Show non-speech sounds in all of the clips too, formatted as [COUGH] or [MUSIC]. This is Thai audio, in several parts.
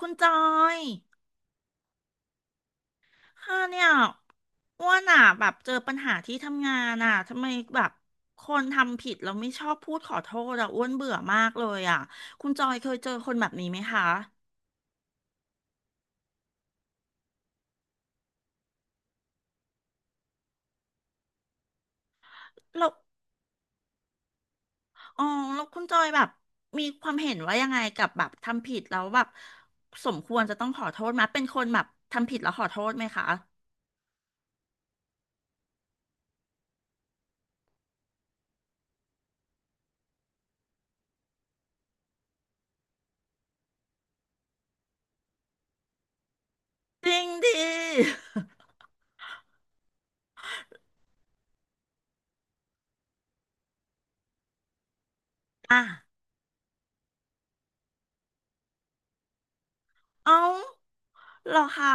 คุณจอยค่ะเนี่ยอ้วนอ่ะแบบเจอปัญหาที่ทำงานอ่ะทำไมแบบคนทำผิดแล้วไม่ชอบพูดขอโทษอ่ะอ้วนเบื่อมากเลยอ่ะคุณจอยเคยเจอคนแบบนี้ไหมคะแล้วอ๋อแล้วคุณจอยแบบมีความเห็นว่ายังไงกับแบบทำผิดแล้วแบบสมควรจะต้องขอโทษไหมเป็นคนแบบทำผิดแล้วขอโทษไหมคะจริงดิ [LAUGHS] อ่ะเอ้าเหรอคะ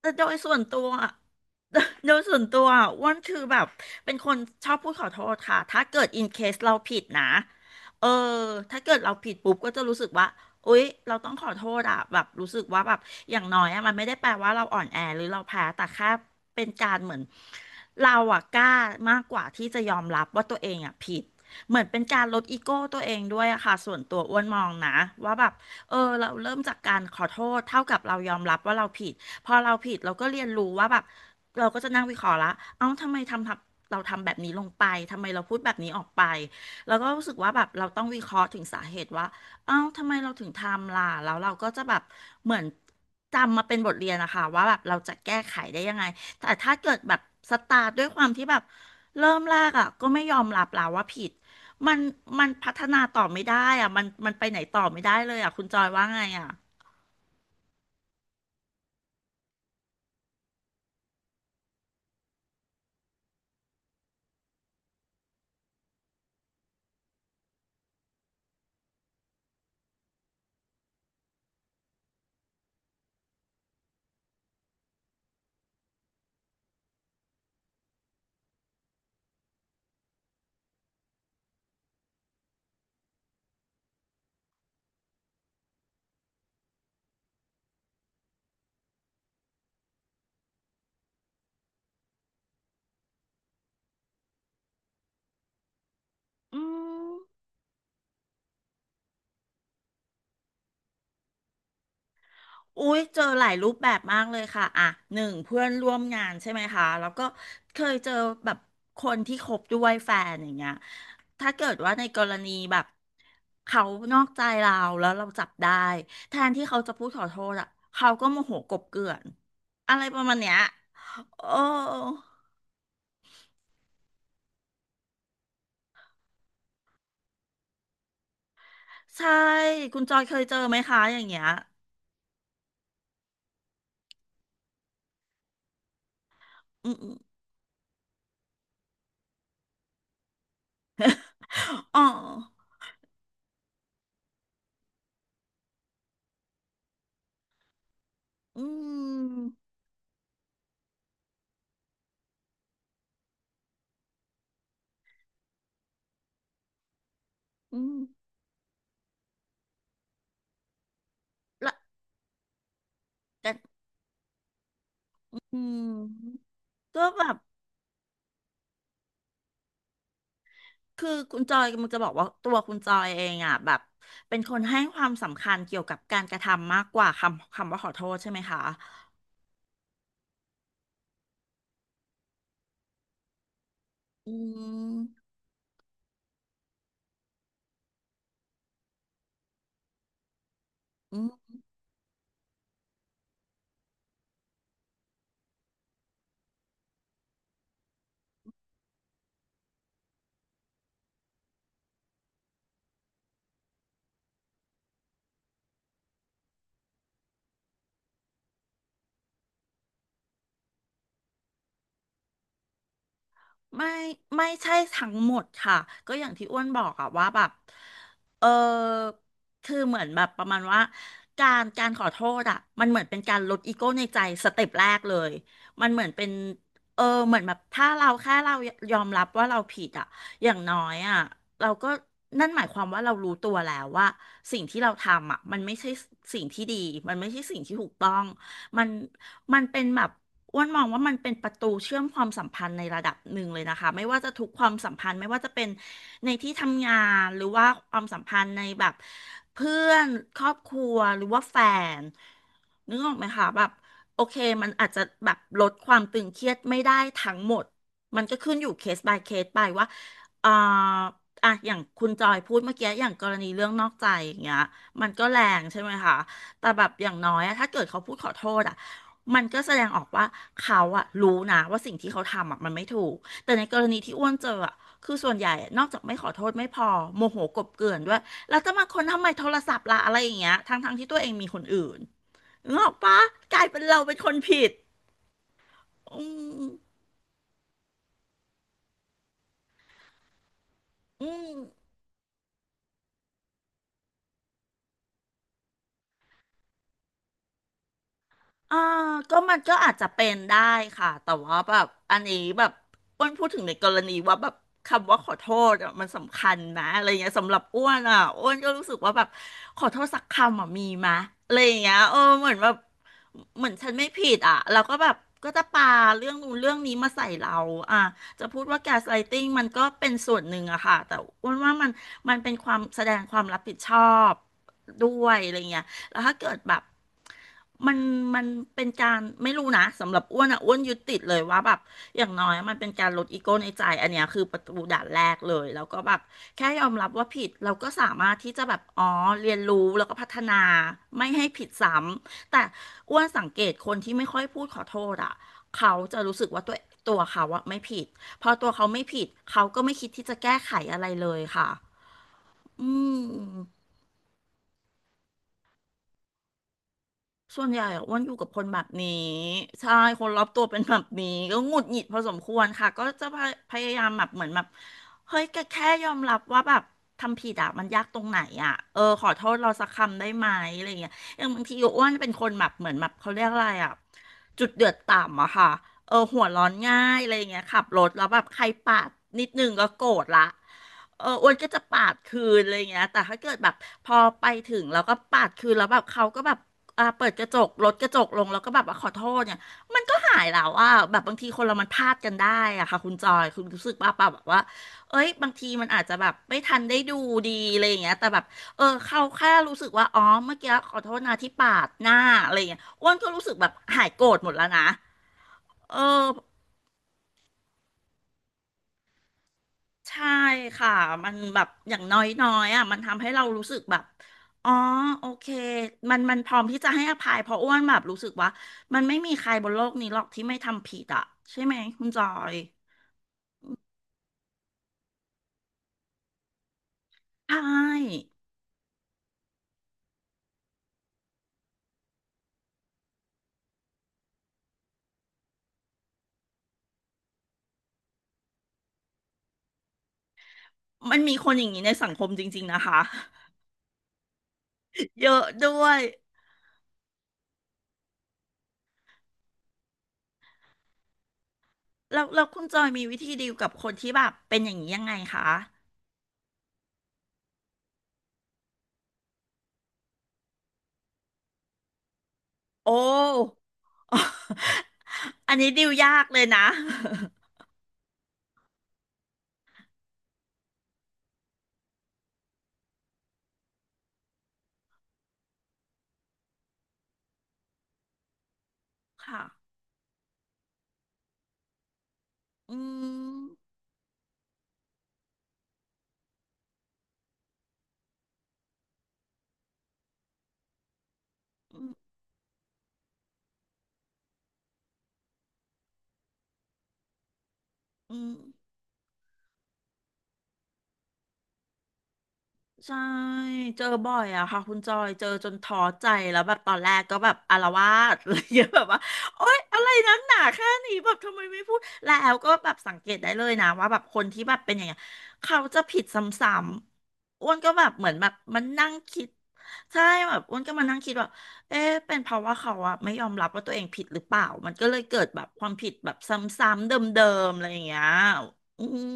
แต่โดยส่วนตัวอะ [LAUGHS] โดยส่วนตัวอะอ้วนคือแบบเป็นคนชอบพูดขอโทษค่ะถ้าเกิดอินเคสเราผิดนะเออถ้าเกิดเราผิดปุ๊บก็จะรู้สึกว่าอุ๊ยเราต้องขอโทษอ่ะแบบรู้สึกว่าแบบอย่างน้อยอะมันไม่ได้แปลว่าเราอ่อนแอหรือเราแพ้แต่แค่เป็นการเหมือนเราอะกล้ามากกว่าที่จะยอมรับว่าตัวเองอะผิดเหมือนเป็นการลดอีโก้ตัวเองด้วยอะค่ะส่วนตัวอ้วนมองนะว่าแบบ เออเราเริ่มจากการขอโทษเท่ากับเรายอมรับว่าเราผิดพอเราผิดเราก็เรียนรู้ว่าแบบเราก็จะนั่งวิเคราะห์ละเอ้าทำไมเราทำแบบนี้ลงไปทำไมเราพูดแบบนี้ออกไปแล้วก็รู้สึกว่าแบบเราต้องวิเคราะห์ถึงสาเหตุว่าเอ้าทำไมเราถึงทำล่ะแล้วเราก็จะแบบเหมือนจำมาเป็นบทเรียนนะคะว่าแบบเราจะแก้ไขได้ยังไงแต่ถ้าเกิดแบบสตาร์ทด้วยความที่แบบเริ่มแรกอ่ะก็ไม่ยอมรับแล้วว่าผิด มันมันพัฒนาต่อไม่ได้อ่ะมันไปไหนต่อไม่ได้เลยอ่ะคุณจอยว่าไงอ่ะอืมอุ้ยเจอหลายรูปแบบมากเลยค่ะอ่ะหนึ่งเพื่อนร่วมงานใช่ไหมคะแล้วก็เคยเจอแบบคนที่คบด้วยแฟนอย่างเงี้ยถ้าเกิดว่าในกรณีแบบเขานอกใจเราแล้วเราจับได้แทนที่เขาจะพูดขอโทษอ่ะเขาก็โมโหกลบเกลื่อนอะไรประมาณเนี้ยโอ้ใช่คุณจอยเคยเจอไหมคะอย่างเงี้ยอืม [LAUGHS] อ๋ออืมอืมละแต่อืมก็แบบคือคุณจอยมันจะบอกว่าตัวคุณจอยเองอ่ะแบบเป็นคนให้ความสำคัญเกี่ยวกับการกระทำมากกว่าคำว่าขอโทษใช่ไหมคะอืมอืม ไม่ไม่ใช่ทั้งหมดค่ะก็อย่างที่อ้วนบอกอะว่าแบบเออคือเหมือนแบบประมาณว่าการขอโทษอะมันเหมือนเป็นการลดอีโก้ในใจสเต็ปแรกเลยมันเหมือนเป็นเออเหมือนแบบถ้าเราแค่เรายอมรับว่าเราผิดอะอย่างน้อยอะเราก็นั่นหมายความว่าเรารู้ตัวแล้วว่าสิ่งที่เราทำอะมันไม่ใช่สิ่งที่ดีมันไม่ใช่สิ่งที่ถูกต้องมันมันเป็นแบบ อ้วนมองว่ามันเป็นประตูเชื่อมความสัมพันธ์ในระดับหนึ่งเลยนะคะไม่ว่าจะทุกความสัมพันธ์ไม่ว่าจะเป็นในที่ทำงานหรือว่าความสัมพันธ์ในแบบเพื่อนครอบครัวหรือว่าแฟนนึกออกไหมคะแบบโอเคมันอาจจะแบบลดความตึงเครียดไม่ได้ทั้งหมดมันก็ขึ้นอยู่เคส by เคสไปว่าเอ่ออ่ะอย่างคุณจอยพูดเมื่อกี้อย่างกรณีเรื่องนอกใจอย่างเงี้ยมันก็แรงใช่ไหมคะแต่แบบอย่างน้อยอะถ้าเกิดเขาพูดขอโทษอะ มันก็แสดงออกว่าเขาอะรู้นะว่าสิ่งที่เขาทำอะมันไม่ถูกแต่ในกรณีที่อ้วนเจออะคือส่วนใหญ่อะนอกจากไม่ขอโทษไม่พอโมโหกลบเกลื่อนด้วยแล้วจะมาคนทำไมโทรศัพท์ล่ะอะไรอย่างเงี้ยทั้งที่ตัวเองมีคนอื่นงกออกปะกลายเป็นเราเป็นคนผิดอืมอืม อ่าก็มันก็อาจจะเป็นได้ค่ะแต่ว่าแบบอันนี้แบบอ้วนพูดถึงในกรณีว่าแบบคำว่าขอโทษอะมันสำคัญนะอะไรเงี้ยสำหรับอ้วนอ่ะอ้วนก็รู้สึกว่าแบบขอโทษสักคำอ่ะมีมะอะไรอย่างเงี้ยเออเหมือนแบบเหมือนฉันไม่ผิดอ่ะแล้วก็แบบก็จะปาเรื่องนู้นเรื่องนี้มาใส่เราอ่ะจะพูดว่าแกสไลติ้งมันก็เป็นส่วนหนึ่งอะค่ะแต่อ้วนว่ามันเป็นความแสดงความรับผิดชอบด้วยอะไรเงี้ย แล้วถ้าเกิดแบบมันมันเป็นการไม่รู้นะสำหรับอ้วนอ่ะอ้วนยึดติดเลยว่าแบบอย่างน้อยมันเป็นการลดอีโก้ในใจอันเนี้ยคือประตูด่านแรกเลยแล้วก็แบบแค่ยอมรับว่าผิดเราก็สามารถที่จะแบบอ๋อเรียนรู้แล้วก็พัฒนาไม่ให้ผิดซ้ำแต่อ้วนสังเกตคนที่ไม่ค่อยพูดขอโทษอ่ะเขาจะรู้สึกว่าตัวเขาอะไม่ผิดพอตัวเขาไม่ผิดเขาก็ไม่คิดที่จะแก้ไขอะไรเลยค่ะอืม ส่วนใหญ่อะอ้วนอยู่กับคนแบบนี้ใช่คนรอบตัวเป็นแบบนี้ก็หงุดหงิดพอสมควรค่ะก็จะพยายามแบบเหมือนแบบเฮ้ยแกแค่ยอมรับว่าแบบทำผิดอะมันยากตรงไหนอะเออขอโทษเราสักคำได้ไหมอะไรอย่างเงี้ยอย่างบางทีอ้วนเป็นคนแบบเหมือนแบบเขาเรียกอะไรอะจุดเดือดต่ำอะค่ะเออหัวร้อนง่ายอะไรอย่างเงี้ยขับรถแล้วแบบใครปาดนิดนึงก็โกรธละ เอออ้วนก็จะปาดคืนอะไรอย่างเงี้ยแต่ถ้าเกิดแบบพอไปถึงแล้วก็ปาดคืนแล้วแบบเขาก็แบบเปิดกระจกลดกระจกลงแล้วก็แบบว่าขอโทษเนี่ยมันก็หายแล้วอ่ะแบบบางทีคนเรามันพลาดกันได้อะค่ะคุณจอยคุณรู้สึกว่าป่ะแบบว่าเอ้ยบางทีมันอาจจะแบบไม่ทันได้ดูดีอะไรอย่างเงี้ยแต่แบบเออเขาแค่รู้สึกว่าอ๋อเมื่อกี้ขอโทษนะที่ปาดหน้าอะไรอย่างเงี้ยอ้วนก็รู้สึกแบบหายโกรธหมดแล้วนะเออ ใช่ค่ะมันแบบอย่างน้อยๆอ่ะมันทำให้เรารู้สึกแบบอ๋อโอเคมันพร้อมที่จะให้อภัยเพราะอ้วนแบบรู้สึกว่ามันไม่มีใครบนโลกนี้หรอกที่ไม่ทำผิดอ่ะใช่ไหมคุณจอยใช่มันมีคนอย่างนี้ในสังคมจริงๆนะคะ [LAUGHS] เยอะด้วยแล้วคุณจอยมีวิธีดีลกับคนที่แบบเป็นอย่างนี้ยังไงคะโอ้ [LAUGHS] อันนี้ดีลยากเลยนะ [LAUGHS] ค่ะอืมอืมอืม ใช่เจอบ่อยอะค่ะคุณจอยเจอจนท้อใจแล้วแบบตอนแรกก็แบบอาละวาดอะไร [LAUGHS] เงี้ยแบบว่าโอ๊ยอะไรนักหนาแค่นี้แบบทำไมไม่พูดแล้วก็แบบสังเกตได้เลยนะว่าแบบคนที่แบบเป็นอย่างเงี้ยเขาจะผิดซ้ำๆอ้วนก็แบบเหมือนแบบมันนั่งคิดใช่แบบอ้วนก็มานั่งคิดว่าเอ๊ะเป็นเพราะว่าเขาอะไม่ยอมรับว่าตัวเองผิดหรือเปล่ามันก็เลยเกิดแบบความผิดแบบซ้ำๆเดิมๆอะไรอย่างเงี้ยอืม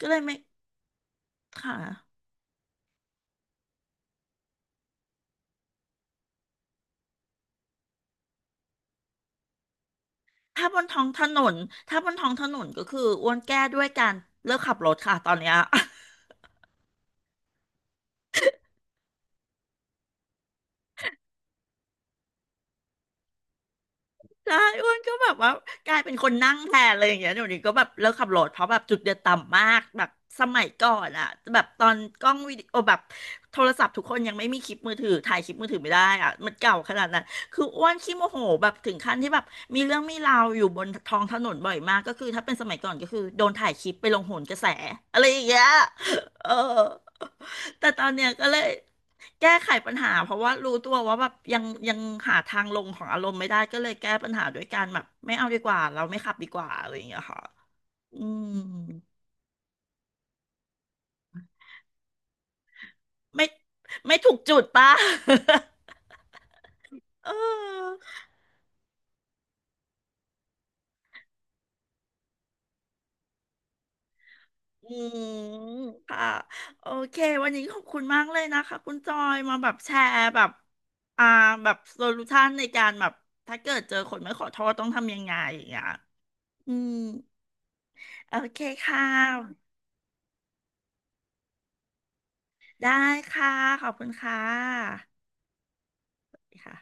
ก็เลยไม่ [CLEARS THROAT] ค่ะ ถ้าบนท้องถนนถ้าบนท้องถนนก็คืออ้วนแก้ด้วยการเลิกขับรถค่ะตอนเนี้ย ใช่อ้วนก็แบบว่ากลายเป็นคนนั่งแทนเลยอย่างเงี้ยเดี๋ยวนี้ก็แบบเลิกขับรถเพราะแบบจุดเดือดต่ำมากแบบสมัยก่อนอะแบบตอนกล้องวิดีโอแบบโทรศัพท์ทุกคนยังไม่มีคลิปมือถือถ่ายคลิปมือถือไม่ได้อะมันเก่าขนาดนั้นคืออ้วนขี้โมโหแบบถึงขั้นที่แบบมีเรื่องมีราวอยู่บนท้องถนนบ่อยมากก็คือถ้าเป็นสมัยก่อนก็คือโดนถ่ายคลิปไปลงโหนกระแสอะไรอย่างเงี้ย [LAUGHS] เออแต่ตอนเนี้ยก็เลย แก้ไขปัญหาเพราะว่ารู้ตัวว่าแบบยังหาทางลงของอารมณ์ไม่ได้ก็เลยแก้ปัญหาด้วยการแบบไม่เอาดีกว่าเราไม่ขับดีกว่าอะไรอย่างเงี้ยค่ะอืมไม่ไม่ถูกจุดป่ะ [LAUGHS] เอออืมค่ะโอเควันนี้ขอบคุณมากเลยนะคะคุณจอยมาแบบแชร์แบบอ่าแบบโซลูชันในการแบบถ้าเกิดเจอคนไม่ขอโทษต้องทำยังไงอย่างเงี้ยอืมโอเคค่ะได้ค่ะขอบคุณค่ะ ค่ะ